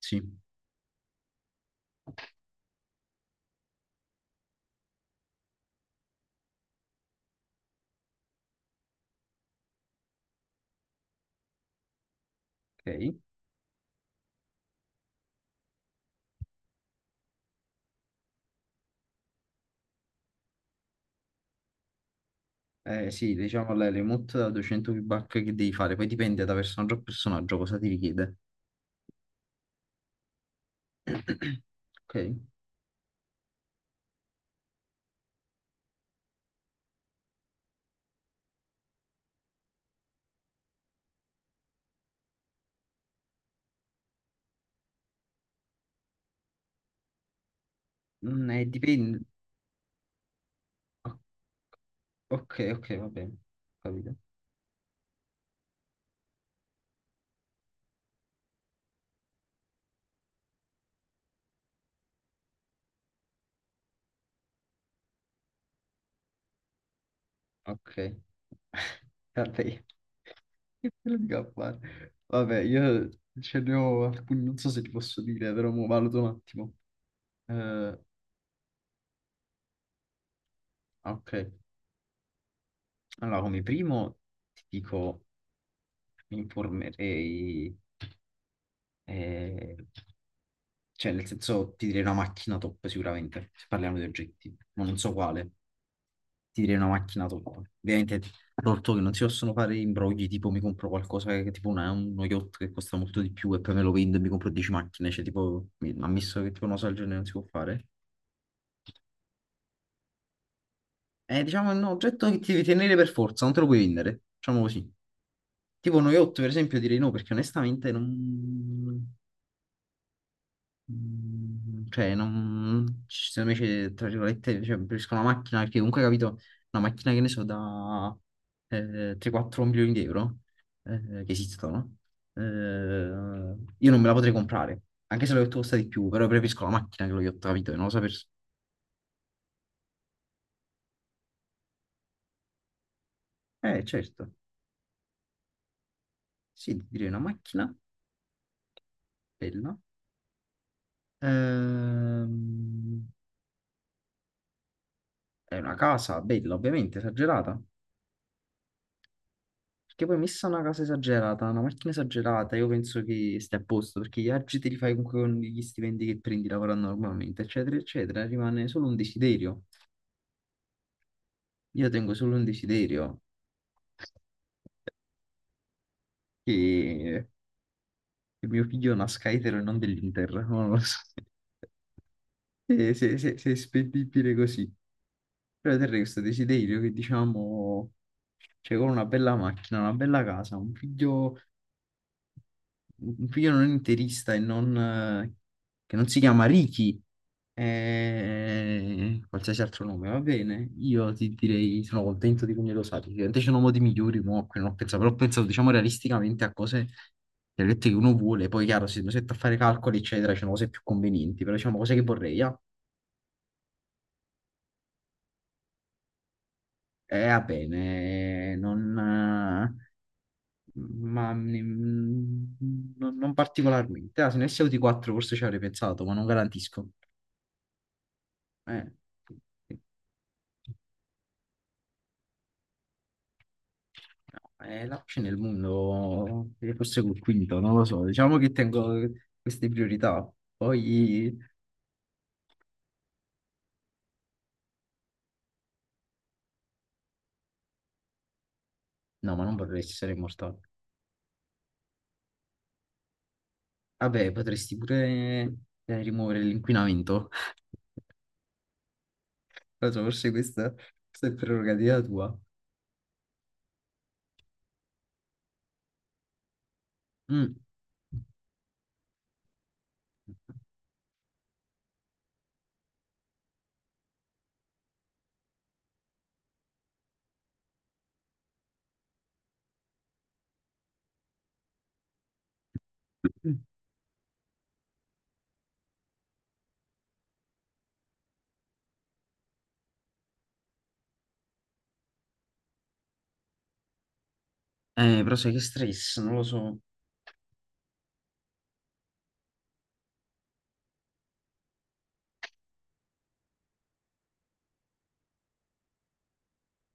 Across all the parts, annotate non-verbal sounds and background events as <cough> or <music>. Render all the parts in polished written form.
Sì, ok. Sì, diciamo la remote da 200 feedback che devi fare, poi dipende da personaggio a personaggio cosa ti richiede. <clears throat> Ok, dipende. o- Ok, ok, va bene, capito. Ok, <laughs> vabbè, che te lo dico a fare? Vabbè, io ce ne ho alcuni, non so se ti posso dire, però mo valuto un attimo. Eh, ok, allora come primo ti dico... mi informerei, eh, cioè nel senso ti direi una macchina top sicuramente, se parliamo di oggetti, ma non so quale, ti direi una macchina top. Ovviamente, tolto che non si possono fare imbrogli, tipo mi compro qualcosa che tipo uno yacht che costa molto di più e poi me lo vendo e mi compro 10 macchine, cioè tipo, ammesso che tipo una cosa del genere non si può fare. Diciamo, è un oggetto che ti devi tenere per forza, non te lo puoi vendere, diciamo così. Tipo uno yacht, per esempio, direi no, perché onestamente non... Cioè, non... secondo me, c'è, tra virgolette, cioè, preferisco una macchina perché comunque, capito, una macchina che ne so, da 3-4 milioni di euro che esistono, io non me la potrei comprare, anche se lo yacht costa di più, però preferisco la macchina che lo yacht, capito? E non lo so per... certo, sì, direi una macchina bella. Ehm, è una casa bella, ovviamente, esagerata. Perché poi messa una casa esagerata, una macchina esagerata, io penso che stai a posto, perché gli viaggi te li fai comunque con gli stipendi che prendi lavorando normalmente, eccetera, eccetera, rimane solo un desiderio. Io tengo solo un desiderio, che, che mio figlio nasca etero e non dell'Inter, <laughs> non lo so. <laughs> E se è spendibile così. Però te questo desiderio che diciamo, cioè con una bella macchina, una bella casa, un figlio non interista e non, che non si chiama Ricky e qualsiasi altro nome, va bene. Io ti direi, sono contento di come lo sai. Ovviamente c'è un uomo di migliori, mo, a cui non ho pensato, però ho pensato, diciamo, realisticamente a cose le lette che uno vuole. Poi, chiaro, se mi metto a fare calcoli, eccetera, c'è cose più convenienti, però diciamo cose che vorrei, ah. Va bene, non... ma non particolarmente. Ah, se ne avessi avuti quattro forse ci avrei pensato, ma non garantisco. Eh. Sì. No, l'APC nel mondo, forse col quinto, non lo so. Diciamo che tengo queste priorità. Poi, no, ma non vorrei essere immortale. Vabbè, potresti pure rimuovere l'inquinamento. <laughs> Non so, forse questa è prerogativa tua. Mm. Però sai che stress, non lo so. No,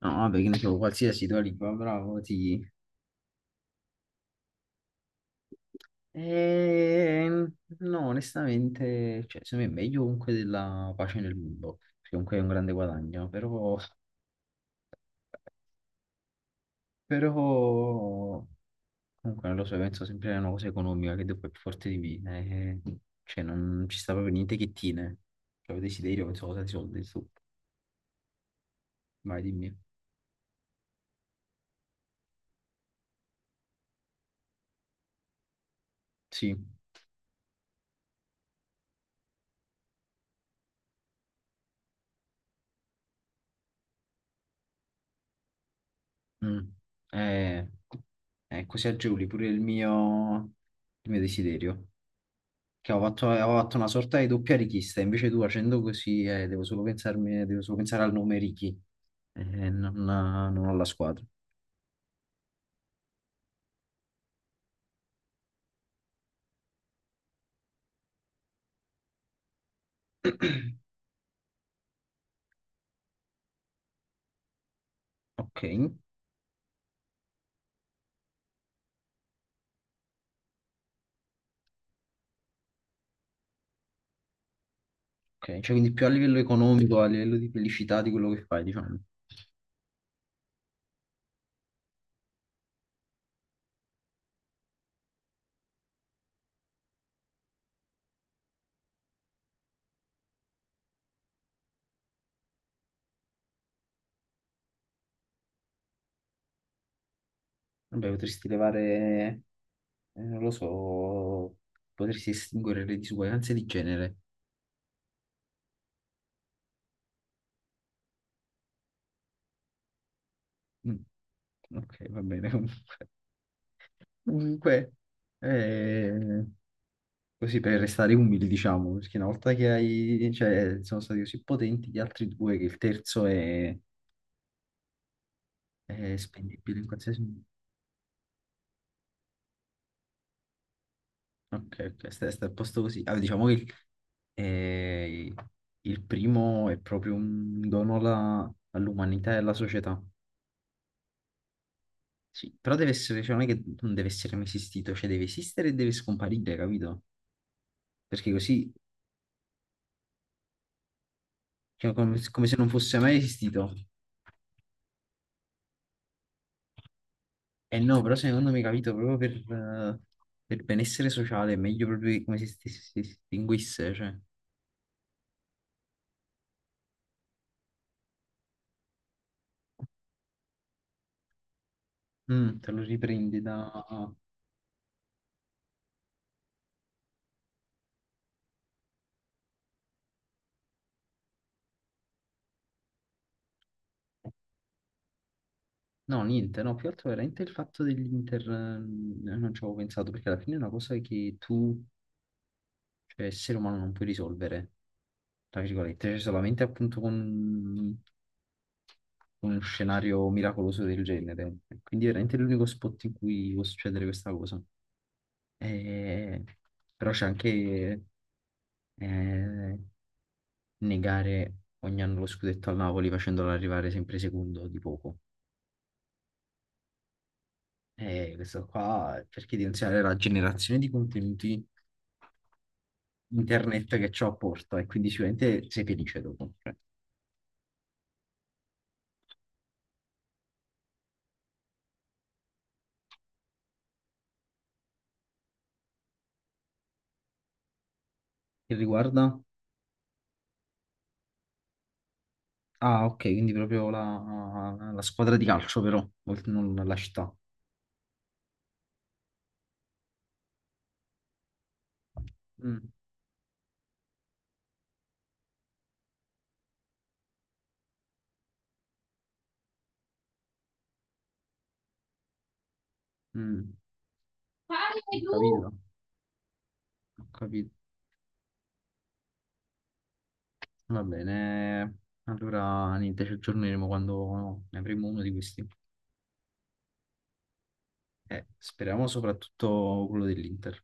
vabbè, che ne so, qualsiasi tua lingua, bravo, ti, Ehm, no, onestamente, cioè, secondo me è meglio comunque della pace nel mondo, perché comunque è un grande guadagno, però, però comunque non lo so, penso sempre a una cosa economica che dopo è più forte di me, eh, cioè non ci sta proprio niente che tiene, cioè desiderio, penso cosa di soldi, su, vai dimmi, sì, mm. Eh, così agevoli pure il mio desiderio. Che ho fatto una sorta di doppia richiesta, invece tu facendo così devo solo pensare al nome Ricky e non, non alla squadra. Ok, ok, cioè quindi più a livello economico, a livello di felicità di quello che fai, diciamo. Vabbè, potresti levare, non lo so, potresti estinguere le disuguaglianze di genere. Mm, ok, va bene <laughs> comunque. Comunque, eh, Così per restare umili, diciamo, perché una volta che hai, cioè, sono stati così potenti gli altri due che il terzo è spendibile in qualsiasi... modo. Ok, ok, sta a posto così. Allora, diciamo che eh, il primo è proprio un dono all'umanità e alla società. Sì, però deve essere, cioè, non è che non deve essere mai esistito, cioè deve esistere e deve scomparire, capito? Perché così, cioè, come, come se non fosse mai esistito. Eh no, però secondo me, capito, proprio per benessere sociale è meglio proprio che come se si distinguisse, cioè. Mm, te lo riprendi da... No, niente, no, più altro veramente il fatto dell'Inter, non ci avevo pensato, perché alla fine è una cosa che tu, cioè essere umano, non puoi risolvere, tra virgolette, cioè solamente appunto con uno scenario miracoloso del genere. Quindi è veramente è l'unico spot in cui può succedere questa cosa. Eh, Però c'è anche... Eh, negare ogni anno lo scudetto al Napoli facendolo arrivare sempre secondo di poco. E questo qua cerchi di insegnare la generazione di contenuti internet che ciò apporta e quindi sicuramente sei felice dopo. Cioè, che riguarda... Ah, ok, quindi proprio la squadra di calcio però, non la città. Mm, mm, Parli ho tu! Capito, ho capito. Va bene, allora niente, ci aggiorneremo quando ne avremo uno di questi. Speriamo soprattutto quello dell'Inter.